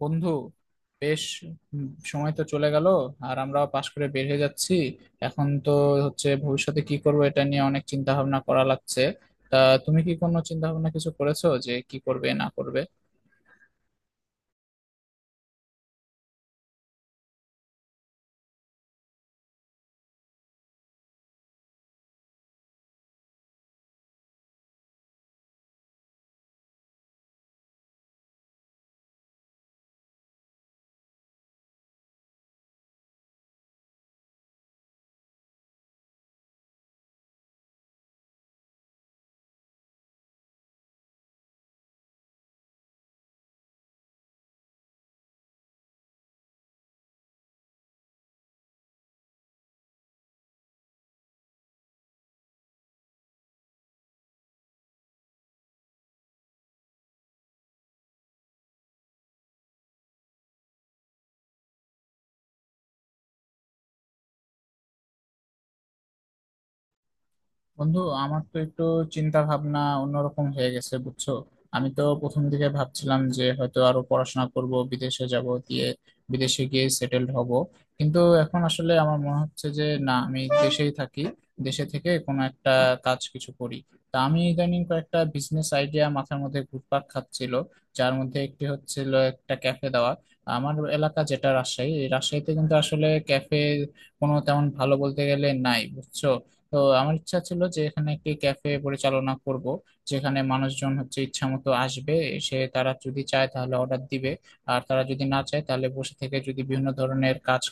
বন্ধু, বেশ। সময় তো চলে গেল, আর আমরাও পাশ করে বের হয়ে যাচ্ছি। এখন তো হচ্ছে ভবিষ্যতে কি করব এটা নিয়ে অনেক চিন্তা ভাবনা করা লাগছে। তা তুমি কি কোনো চিন্তা ভাবনা কিছু করেছো যে কি করবে না করবে? বন্ধু, আমার তো একটু চিন্তা ভাবনা অন্যরকম হয়ে গেছে বুঝছো। আমি তো প্রথম দিকে ভাবছিলাম যে হয়তো আরো পড়াশোনা করব, বিদেশে যাব, দিয়ে বিদেশে গিয়ে সেটেলড হব। কিন্তু এখন আসলে আমার মনে হচ্ছে যে না, আমি দেশেই থাকি, দেশে থেকে কোনো একটা কাজ কিছু করি। তা আমি ইদানিং কয়েকটা বিজনেস আইডিয়া মাথার মধ্যে ঘুরপাক খাচ্ছিল, যার মধ্যে একটি হচ্ছিল একটা ক্যাফে দেওয়া। আমার এলাকা যেটা রাজশাহী, এই রাজশাহীতে কিন্তু আসলে ক্যাফে কোনো তেমন ভালো বলতে গেলে নাই, বুঝছো। তো আমার ইচ্ছা ছিল যে এখানে একটি ক্যাফে পরিচালনা করব, যেখানে মানুষজন হচ্ছে ইচ্ছা মতো আসবে, এসে তারা যদি চায় তাহলে অর্ডার দিবে, আর তারা যদি না চায় তাহলে বসে থেকে যদি বিভিন্ন ধরনের কাজ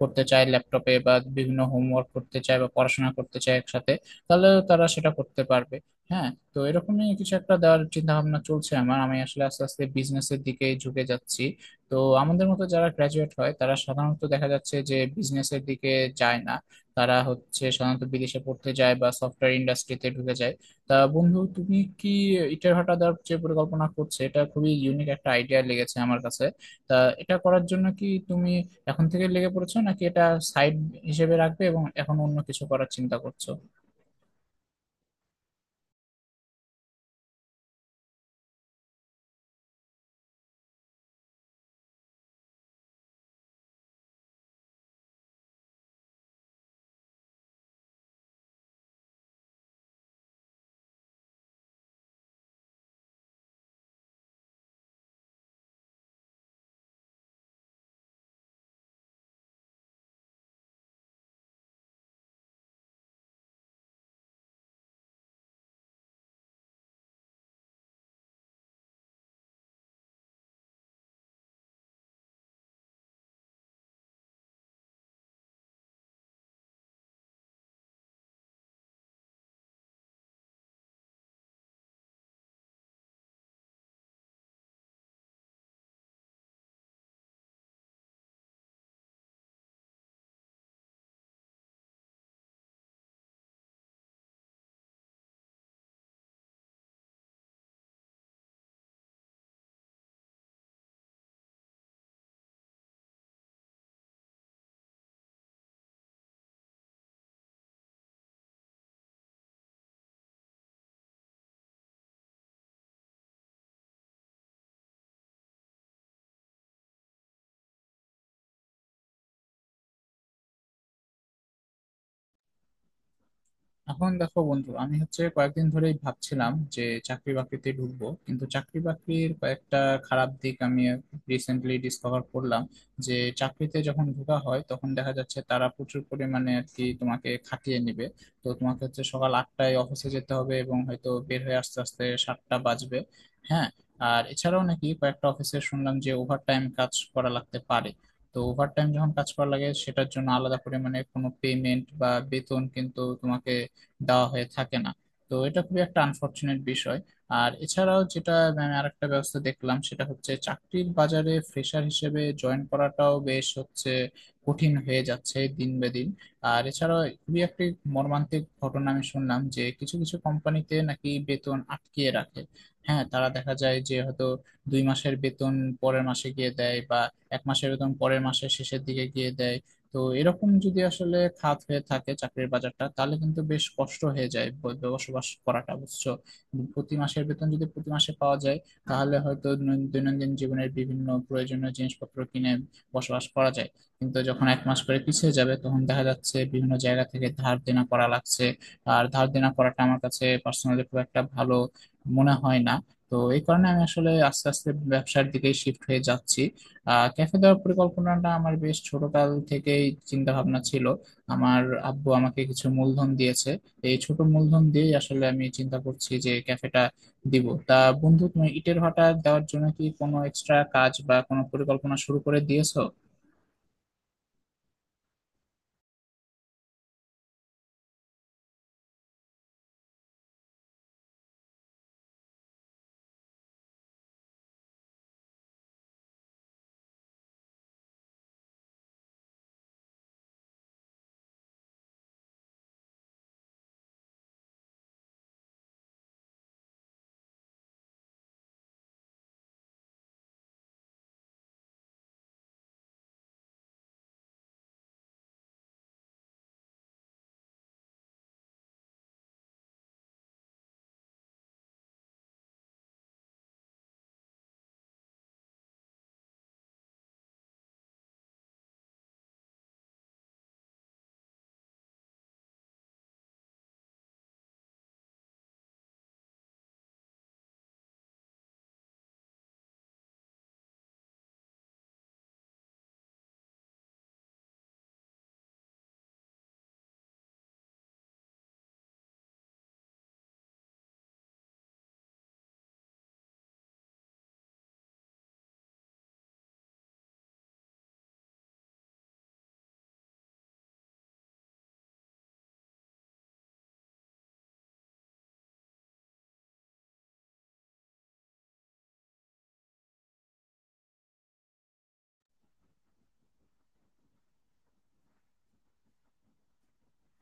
করতে চায়, ল্যাপটপে বা বিভিন্ন হোমওয়ার্ক করতে চায় বা পড়াশোনা করতে চায় একসাথে, তাহলে তারা সেটা করতে পারবে। হ্যাঁ, তো এরকমই কিছু একটা দেওয়ার চিন্তা ভাবনা চলছে আমার। আমি আসলে আস্তে আস্তে বিজনেসের দিকে ঝুঁকে যাচ্ছি। তো আমাদের মতো যারা গ্রাজুয়েট হয় তারা সাধারণত দেখা যাচ্ছে যে বিজনেসের দিকে যায় না, তারা হচ্ছে সাধারণত বিদেশে পড়তে যায় বা সফটওয়্যার ইন্ডাস্ট্রিতে ঢুকে যায়। তা বন্ধু, তুমি কি ইটের ভাটা দেওয়ার যে পরিকল্পনা করছে, এটা খুবই ইউনিক একটা আইডিয়া লেগেছে আমার কাছে। তা এটা করার জন্য কি তুমি এখন থেকে লেগে পড়েছো, নাকি এটা সাইড হিসেবে রাখবে এবং এখন অন্য কিছু করার চিন্তা করছো? এখন দেখো বন্ধু, আমি হচ্ছে কয়েকদিন ধরেই ভাবছিলাম যে চাকরি বাকরিতে ঢুকবো, কিন্তু চাকরি বাকরির কয়েকটা খারাপ দিক আমি রিসেন্টলি ডিসকভার করলাম। যে চাকরিতে যখন ঢোকা হয় তখন দেখা যাচ্ছে তারা প্রচুর পরিমাণে আর কি তোমাকে খাটিয়ে নেবে। তো তোমাকে হচ্ছে সকাল 8টায় অফিসে যেতে হবে এবং হয়তো বের হয়ে আস্তে আস্তে 7টা বাজবে। হ্যাঁ, আর এছাড়াও নাকি কয়েকটা অফিসে শুনলাম যে ওভারটাইম কাজ করা লাগতে পারে। তো ওভারটাইম যখন কাজ করা লাগে সেটার জন্য আলাদা পরিমাণে কোনো পেমেন্ট বা বেতন কিন্তু দেওয়া হয়ে থাকে না। তো এটা খুবই একটা আনফরচুনেট বিষয়। আর এছাড়াও যেটা আমি আরেকটা ব্যবস্থা দেখলাম সেটা হচ্ছে চাকরির বাজারে ফ্রেশার হিসেবে জয়েন করাটাও বেশ হচ্ছে কঠিন হয়ে যাচ্ছে দিন বে দিন। আর এছাড়াও খুবই একটি মর্মান্তিক ঘটনা আমি শুনলাম যে কিছু কিছু কোম্পানিতে নাকি বেতন আটকিয়ে রাখে। হ্যাঁ, তারা দেখা যায় যে হয়তো 2 মাসের বেতন পরের মাসে গিয়ে দেয়, বা 1 মাসের বেতন পরের মাসের শেষের দিকে গিয়ে দেয়। তো এরকম যদি আসলে খাত হয়ে থাকে চাকরির বাজারটা তাহলে কিন্তু বেশ কষ্ট হয়ে যায় বসবাস করাটা, বুঝছো। প্রতি মাসের বেতন যদি প্রতি মাসে পাওয়া যায়, তাহলে হয়তো দৈনন্দিন জীবনের বিভিন্ন প্রয়োজনীয় জিনিসপত্র কিনে বসবাস করা যায়। কিন্তু যখন 1 মাস করে পিছিয়ে যাবে তখন দেখা যাচ্ছে বিভিন্ন জায়গা থেকে ধার দেনা করা লাগছে। আর ধার দেনা করাটা আমার কাছে পার্সোনালি খুব একটা ভালো মনে হয় না। তো এই কারণে আমি আসলে আস্তে আস্তে ব্যবসার দিকে শিফট হয়ে যাচ্ছি। ক্যাফে দেওয়ার পরিকল্পনাটা আমার বেশ ছোটকাল থেকেই চিন্তা ভাবনা ছিল। আমার আব্বু আমাকে কিছু মূলধন দিয়েছে। এই ছোট মূলধন দিয়ে আসলে আমি চিন্তা করছি যে ক্যাফেটা দিব। তা বন্ধু, তুমি ইটের ভাটা দেওয়ার জন্য কি কোনো এক্সট্রা কাজ বা কোনো পরিকল্পনা শুরু করে দিয়েছো?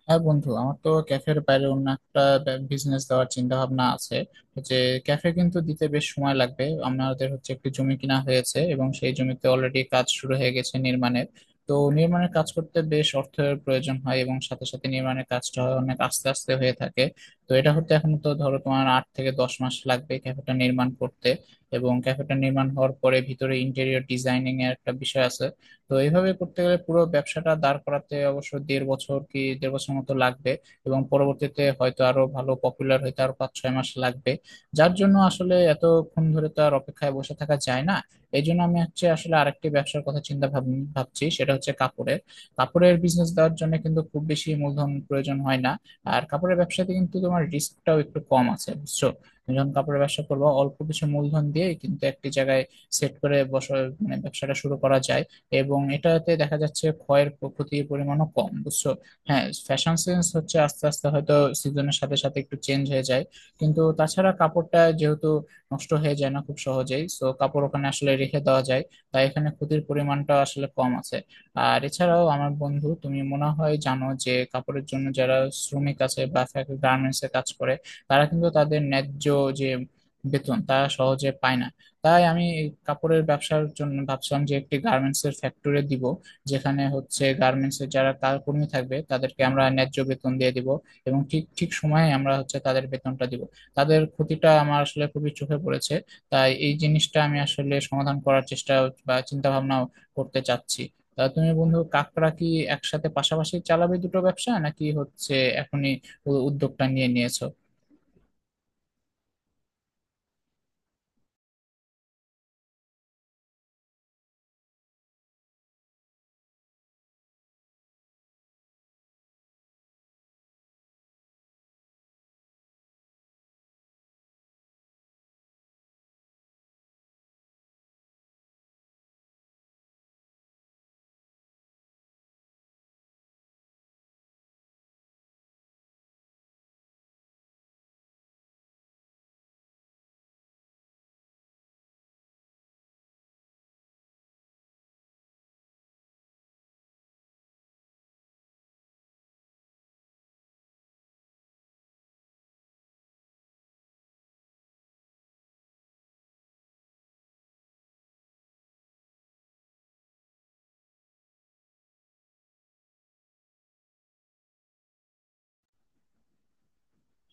হ্যাঁ বন্ধু, আমার তো ক্যাফের বাইরে অন্য একটা বিজনেস দেওয়ার চিন্তা ভাবনা আছে। যে ক্যাফে কিন্তু দিতে বেশ সময় লাগবে, আমাদের হচ্ছে একটি জমি কিনা হয়েছে এবং সেই জমিতে অলরেডি কাজ শুরু হয়ে গেছে নির্মাণের। তো নির্মাণের কাজ করতে বেশ অর্থের প্রয়োজন হয় এবং সাথে সাথে নির্মাণের কাজটা হয় অনেক আস্তে আস্তে হয়ে থাকে। তো এটা হতে এখন তো ধরো তোমার 8 থেকে 10 মাস লাগবে ক্যাফেটা নির্মাণ করতে। এবং ক্যাফেটা নির্মাণ হওয়ার পরে ভিতরে ইন্টেরিয়র ডিজাইনিং এর একটা বিষয় আছে। তো এইভাবে করতে গেলে পুরো ব্যবসাটা দাঁড় করাতে অবশ্য দেড় বছর কি দেড় বছর মতো লাগবে। এবং পরবর্তীতে হয়তো আরো ভালো পপুলার হইতে আরো 5-6 মাস লাগবে। যার জন্য আসলে এতক্ষণ ধরে তো আর অপেক্ষায় বসে থাকা যায় না। এই জন্য আমি হচ্ছে আসলে আরেকটি ব্যবসার কথা চিন্তা ভাবছি, সেটা হচ্ছে কাপড়ের। কাপড়ের বিজনেস দেওয়ার জন্য কিন্তু খুব বেশি মূলধন প্রয়োজন হয় না। আর কাপড়ের ব্যবসাতে কিন্তু তোমার রিস্কটাও একটু কম আছে, বুঝছো। তুমি যখন কাপড়ের ব্যবসা করবো অল্প কিছু মূলধন দিয়ে কিন্তু একটি জায়গায় সেট করে বসে, মানে ব্যবসাটা শুরু করা যায়। এবং এটাতে দেখা যাচ্ছে ক্ষতির পরিমাণও কম, বুঝছো। হ্যাঁ ফ্যাশন সেন্স হচ্ছে আস্তে আস্তে হয়তো সিজনের সাথে সাথে একটু চেঞ্জ হয়ে যায়, কিন্তু তাছাড়া কাপড়টা যেহেতু নষ্ট হয়ে যায় না খুব সহজেই, সো কাপড় ওখানে আসলে রেখে দেওয়া যায়। তাই এখানে ক্ষতির পরিমাণটা আসলে কম আছে। আর এছাড়াও আমার বন্ধু, তুমি মনে হয় জানো যে কাপড়ের জন্য যারা শ্রমিক আছে বা গার্মেন্টস এ কাজ করে তারা কিন্তু তাদের ন্যায্য যে বেতন তারা সহজে পায় না। তাই আমি এই কাপড়ের ব্যবসার জন্য ভাবছিলাম যে একটি গার্মেন্টস এর ফ্যাক্টরি দিব, যেখানে হচ্ছে গার্মেন্টস এর যারা কাজ কর্মী থাকবে তাদেরকে আমরা ন্যায্য বেতন দিয়ে দিব এবং ঠিক ঠিক সময়ে আমরা হচ্ছে তাদের বেতনটা দিব। তাদের ক্ষতিটা আমার আসলে খুবই চোখে পড়েছে, তাই এই জিনিসটা আমি আসলে সমাধান করার চেষ্টা বা চিন্তা ভাবনা করতে চাচ্ছি। তা তুমি বন্ধু কাকড়া কি একসাথে পাশাপাশি চালাবে দুটো ব্যবসা, নাকি হচ্ছে এখনই উদ্যোগটা নিয়ে নিয়েছো?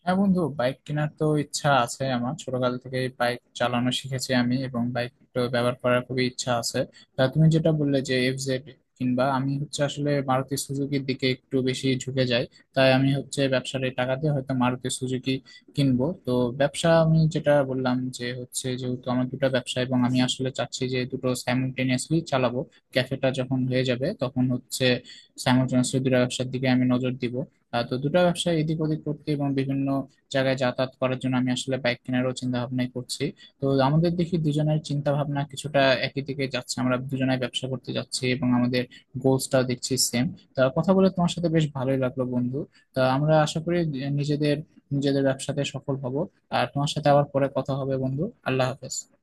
হ্যাঁ বন্ধু, বাইক কেনার তো ইচ্ছা আছে আমার, ছোটকাল থেকে বাইক চালানো শিখেছি আমি এবং বাইক ব্যবহার করার খুবই ইচ্ছা আছে। তা তুমি যেটা বললে যে এফজেড কিনবা, আমি হচ্ছে আসলে মারুতি সুজুকির দিকে একটু বেশি ঝুঁকে যাই। তাই আমি হচ্ছে ব্যবসার এই টাকা দিয়ে হয়তো মারুতি সুজুকি কিনবো। তো ব্যবসা আমি যেটা বললাম যে হচ্ছে যেহেতু আমার দুটো ব্যবসা, এবং আমি আসলে চাচ্ছি যে দুটো সাইমultaneously চালাবো। ক্যাফেটা যখন হয়ে যাবে তখন হচ্ছে সাইমultaneously দুটো ব্যবসার দিকে আমি নজর দিব। তো দুটো ব্যবসা এদিক ওদিক করতে এবং বিভিন্ন জায়গায় যাতায়াত করার জন্য আমি আসলে বাইক কেনারও চিন্তা ভাবনাই করছি। তো আমাদের দেখি দুজনের চিন্তা ভাবনা কিছুটা একই দিকে যাচ্ছে, আমরা দুজনাই ব্যবসা করতে যাচ্ছি এবং আমাদের গোলসটাও দেখছি সেম। তা কথা বলে তোমার সাথে বেশ ভালোই লাগলো বন্ধু। তা আমরা আশা করি নিজেদের নিজেদের ব্যবসাতে সফল হব। আর তোমার সাথে আবার পরে কথা হবে বন্ধু। আল্লাহ হাফেজ।